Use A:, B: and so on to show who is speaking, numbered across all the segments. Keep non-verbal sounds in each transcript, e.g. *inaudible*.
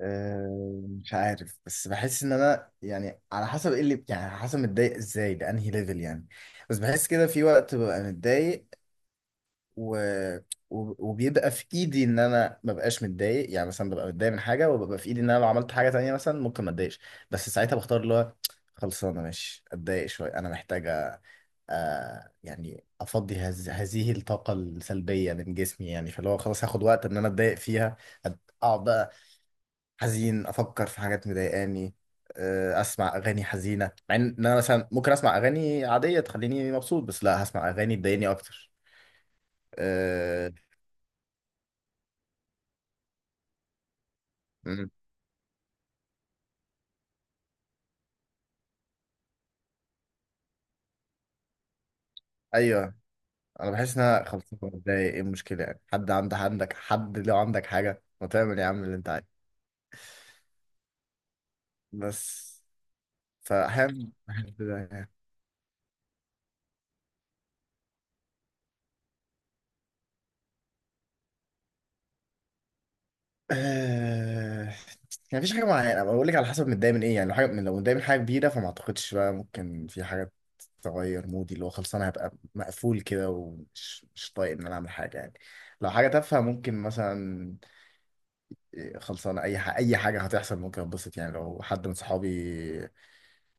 A: آه، مش عارف، بس بحس ان انا يعني على حسب ايه اللي يعني على حسب متضايق ازاي بانهي ليفل يعني. بس بحس كده في وقت ببقى متضايق، و... و- وبيبقى في ايدي ان انا ما بقاش متضايق، يعني مثلا ببقى متضايق من حاجه وببقى في ايدي ان انا لو عملت حاجه تانية مثلا ممكن ما اتضايقش. بس ساعتها بختار اللي هو خلصانه ماشي، اتضايق شويه، انا محتاجه. يعني افضي هذه الطاقه السلبيه من جسمي، يعني فاللي هو خلاص هاخد وقت ان انا اتضايق فيها، اقعد بقى حزين، افكر في حاجات مضايقاني، اسمع اغاني حزينه، مع ان انا مثلا ممكن اسمع اغاني عاديه تخليني مبسوط، بس لا، هسمع اغاني تضايقني اكتر. أه... مم. ايوه، انا بحس ان انا خلصت بتضايق، ايه المشكله يعني، حد عندك حد، لو عندك حاجه ما تعمل يا عم اللي انت عايزه، بس. فاهم. آه... يعني مفيش حاجة معينة، أنا بقول لك على حسب متضايق من ايه. يعني لو حاجة من، لو متضايق من حاجة كبيرة، فما اعتقدش بقى ممكن في حاجة تغير مودي، اللي هو خلاص انا هبقى مقفول كده ومش مش طايق ان انا اعمل حاجة يعني. لو حاجة تافهة ممكن مثلا، خلصانة، اي حاجة هتحصل ممكن اتبسط. يعني لو حد من صحابي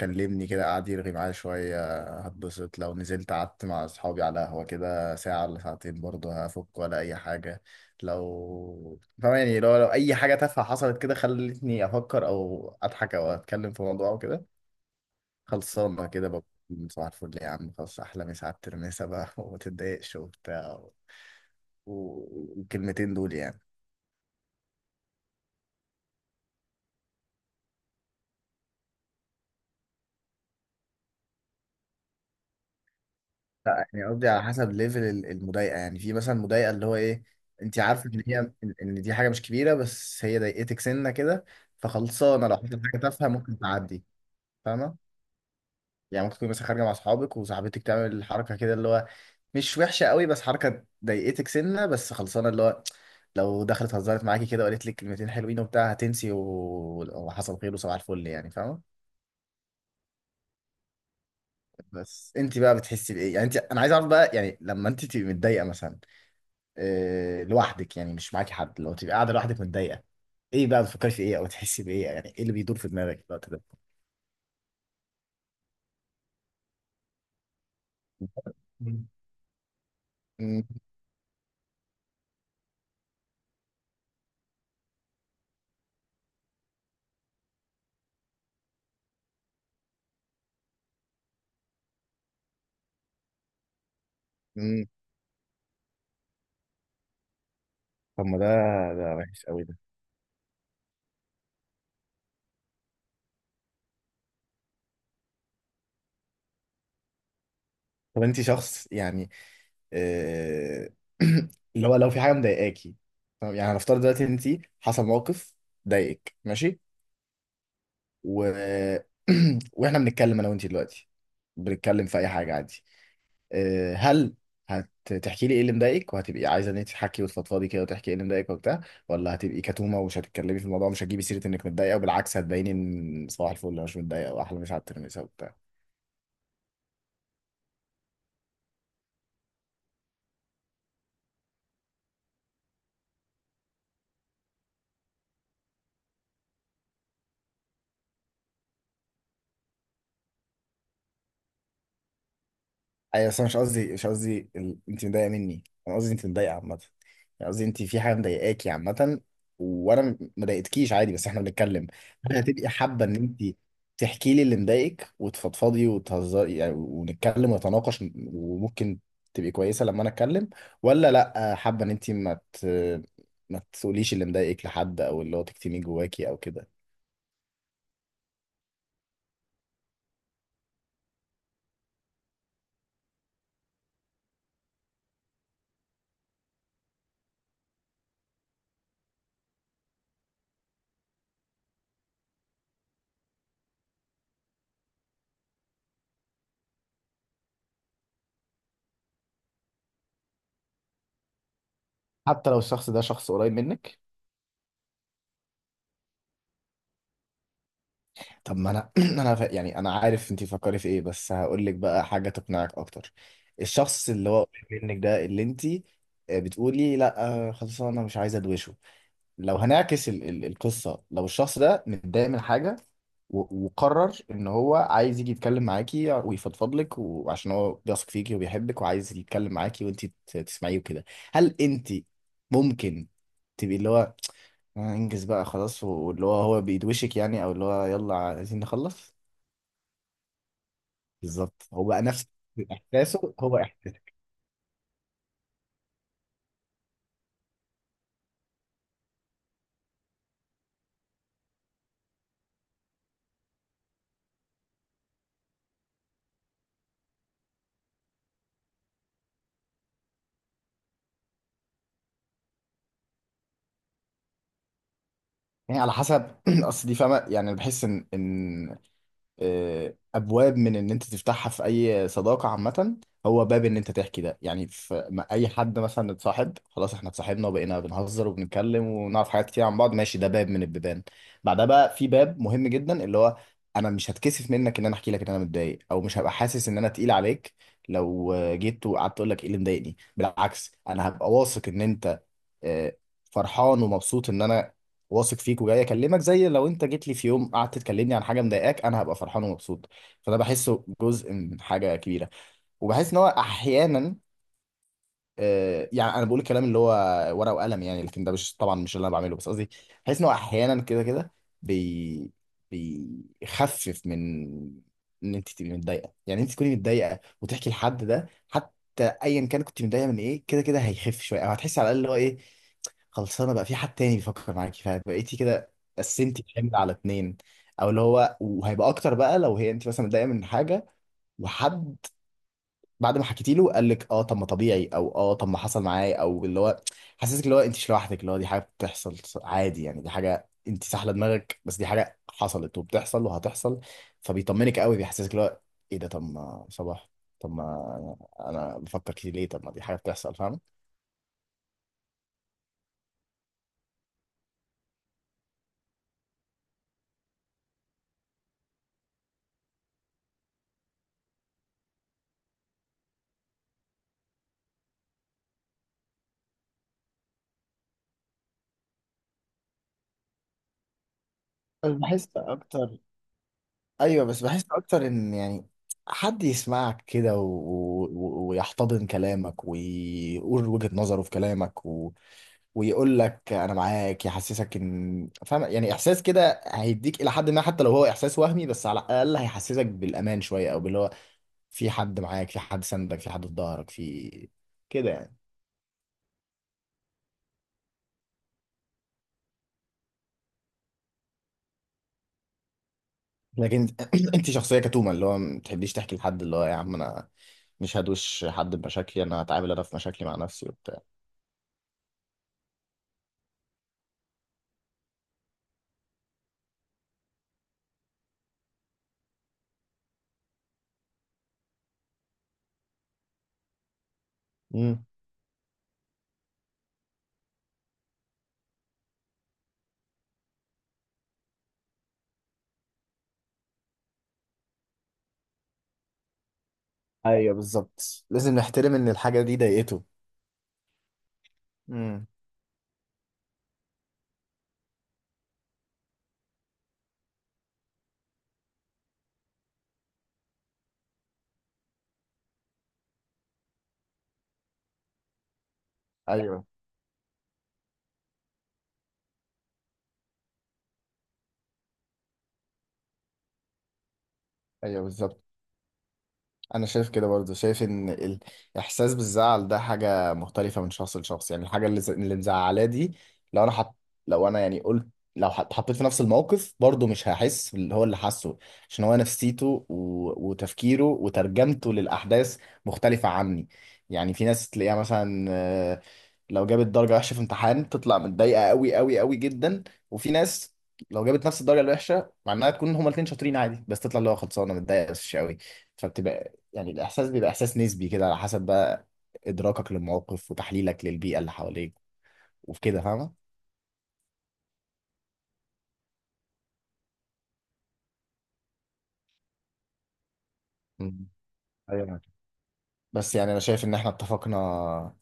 A: كلمني كده، قعد يرغي معايا شوية، هتبسط. لو نزلت قعدت مع أصحابي على قهوة كده ساعة ولا ساعتين، برضه هفك ولا أي حاجة. لو فاهم يعني، لو أي حاجة تافهة حصلت كده، خلتني أفكر أو أضحك أو أتكلم في موضوع أو كده، خلصانة كده بكون صباح الفل يا عم، خلاص، أحلى مسا على الترميسة بقى *laughs* وما تتضايقش وبتاع. و- والكلمتين دول يعني. لا، يعني قصدي على حسب ليفل المضايقه. يعني في مثلا مضايقه اللي هو ايه، انت عارفه ان هي، ان إن دي حاجه مش كبيره، بس هي ضايقتك سنه كده. فخلصانه لو حصلت حاجه تافهه ممكن تعدي. فاهمه. يعني ممكن تكون مثلا خارجه مع اصحابك، وصاحبتك تعمل حركه كده اللي هو مش وحشه قوي، بس حركه ضايقتك سنه. بس خلصانه اللي هو لو دخلت هزرت معاكي كده وقالت لك كلمتين حلوين وبتاع، هتنسي و- وحصل خير وصباح الفل يعني، فاهمه؟ بس انت بقى بتحسي بايه يعني، انا عايز اعرف بقى، يعني لما انت تبقي متضايقه مثلا، لوحدك، يعني مش معاكي حد، لو تبقى قاعده لوحدك متضايقه، ايه بقى بتفكري في ايه، او تحسي بايه، يعني ايه اللي بيدور في دماغك في الوقت ده؟ مم. مم. مم. طب ما ده ده وحش قوي ده. طب انت شخص يعني، آه، *clears throat* اللي هو لو في حاجه مضايقاكي، طب يعني هنفترض دلوقتي انت حصل موقف ضايقك ماشي، و... *clears throat* واحنا بنتكلم انا وانت دلوقتي، بنتكلم في اي حاجه عادي، هل هتحكي لي ايه اللي مضايقك، وهتبقي عايزه ان انت تحكي وتفضفضي كده وتحكي ايه اللي مضايقك وبتاع، ولا هتبقي كتومه ومش هتتكلمي في الموضوع، مش هتجيبي سيره انك متضايقه، وبالعكس هتبيني ان صباح الفل انا مش متضايقه واحلى مش على الترميسه وبتاع؟ ايوه، بس أنا مش قصدي انت مضايقه مني، انا قصدي انت متضايقه عامه، يعني قصدي انت في حاجه مضايقاكي عامه، وانا ما ضايقتكيش، عادي بس احنا بنتكلم. ممكن هتبقي حابه ان انت تحكي لي اللي مضايقك وتفضفضي وتهزري، يعني ونتكلم ونتناقش، وممكن تبقي كويسه لما انا اتكلم، ولا لا حابه ان انت ما تقوليش اللي مضايقك لحد، او اللي هو تكتميه جواكي او كده؟ حتى لو الشخص ده شخص قريب منك؟ طب ما انا *clears throat* يعني انا عارف انت بتفكري في ايه، بس هقول لك بقى حاجه تقنعك اكتر. الشخص اللي هو قريب منك ده، اللي انت، بتقولي لا، خلاص انا مش عايزه ادوشه، لو هنعكس ال القصه، لو الشخص ده متضايق من حاجه و- وقرر ان هو عايز يجي يتكلم معاكي ويفضفض لك، وعشان هو بيثق فيكي وبيحبك وعايز يتكلم معاكي، وانت تسمعيه وكده، هل انت ممكن تبقي اللي هو، انجز بقى خلاص، واللي هو هو بيدوشك يعني، او اللي هو يلا عايزين نخلص؟ بالظبط، هو بقى نفس احساسه هو احساسك، يعني على حسب. *clears throat* اصل دي فاهمه، يعني انا بحس ان ان ابواب من ان انت تفتحها في اي صداقه عامه، هو باب ان انت تحكي ده. يعني في اي حد مثلا اتصاحب خلاص، احنا اتصاحبنا وبقينا بنهزر وبنتكلم ونعرف حاجات كتير عن بعض، ماشي، ده باب من البيبان. بعدها بقى في باب مهم جدا، اللي هو انا مش هتكسف منك ان انا احكي لك ان انا متضايق، او مش هبقى حاسس ان انا تقيل عليك. لو جيت وقعدت تقول لك ايه اللي مضايقني، بالعكس انا هبقى واثق ان انت، آه، فرحان ومبسوط ان انا واثق فيك وجاي اكلمك، زي لو انت جيت لي في يوم قعدت تكلمني عن حاجه مضايقاك، انا هبقى فرحان ومبسوط. فده بحسه جزء من حاجه كبيره، وبحس ان هو احيانا، يعني انا بقول الكلام اللي هو ورقه وقلم يعني، لكن ده مش، طبعا مش اللي انا بعمله، بس قصدي بحس ان هو احيانا كده كده بي بيخفف من ان انت تبقي متضايقه. يعني انت تكوني متضايقه وتحكي لحد ده، حتى ايا كان كنت متضايقه من ايه، كده كده هيخف شويه، او هتحسي على الاقل اللي هو ايه، خلصانه بقى في حد تاني بيفكر معاكي، فبقيتي كده قسمتي الحمل على اتنين. او اللي هو، وهيبقى اكتر بقى لو، انت مثلا متضايقه من حاجه وحد بعد ما حكيتي له قال لك اه طب ما طبيعي، او اه طب ما حصل معايا، او اللي هو حسسك اللي هو انت مش لوحدك، اللي هو دي حاجه بتحصل عادي يعني، دي حاجه انت سحله دماغك، بس دي حاجه حصلت وبتحصل وهتحصل. فبيطمنك قوي، بيحسسك اللي هو ايه ده، طب ما صباح، طب ما انا بفكر كتير ليه، طب ما دي حاجه بتحصل، فاهم؟ بس بحس اكتر. ايوه، بس بحس اكتر ان يعني حد يسمعك كده، و... و... و- ويحتضن كلامك ويقول وجهة نظره في كلامك، ويقول لك انا معاك، يحسسك ان فاهم يعني، احساس كده هيديك الى حد ما، حتى لو هو احساس وهمي، بس على الاقل هيحسسك بالامان شويه، او باللي هو في حد معاك، في حد سندك، في حد في ظهرك، في كده يعني. لكن *clears throat* انت شخصيه كتومه، اللي هو ما بتحبيش تحكي لحد، اللي هو يا عم انا مش هدوش حد بمشاكلي، انا هتعامل انا في مشاكلي مع نفسي وبتاع. امم ايوه بالظبط، لازم نحترم ان الحاجه دي ضايقته. امم. ايوه، ايوه بالظبط، انا شايف كده، برضه شايف ان الاحساس بالزعل ده حاجه مختلفه من شخص لشخص، يعني الحاجه اللي اللي مزعلاه دي، لو انا حط، لو انا يعني قلت، لو حطيت في نفس الموقف، برضه مش هحس اللي هو اللي حاسه، عشان هو نفسيته و... وتفكيره وترجمته للاحداث مختلفه عني. يعني في ناس تلاقيها مثلا، لو جابت درجه وحشه في امتحان تطلع متضايقه قوي قوي قوي جدا، وفي ناس لو جابت نفس الدرجه الوحشه، مع انها تكون هما الاثنين شاطرين عادي، بس تطلع اللي هو خلصانه متضايقه بس مش قوي. فبتبقى، يعني الإحساس بيبقى إحساس نسبي كده، على حسب بقى إدراكك للموقف وتحليلك للبيئة اللي حواليك وكده، فاهمة؟ مم. ايوه، بس يعني أنا شايف إن إحنا اتفقنا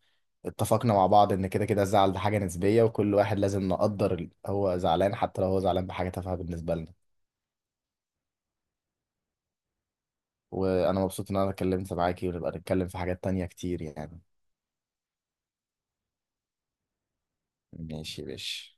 A: اتفقنا مع بعض إن كده كده الزعل ده حاجة نسبية، وكل واحد لازم نقدر هو زعلان، حتى لو هو زعلان بحاجة تافهة بالنسبة لنا. وأنا مبسوط إن أنا اتكلمت معاكي، ونبقى نتكلم في حاجات تانية كتير يعني. ماشي يا باشا.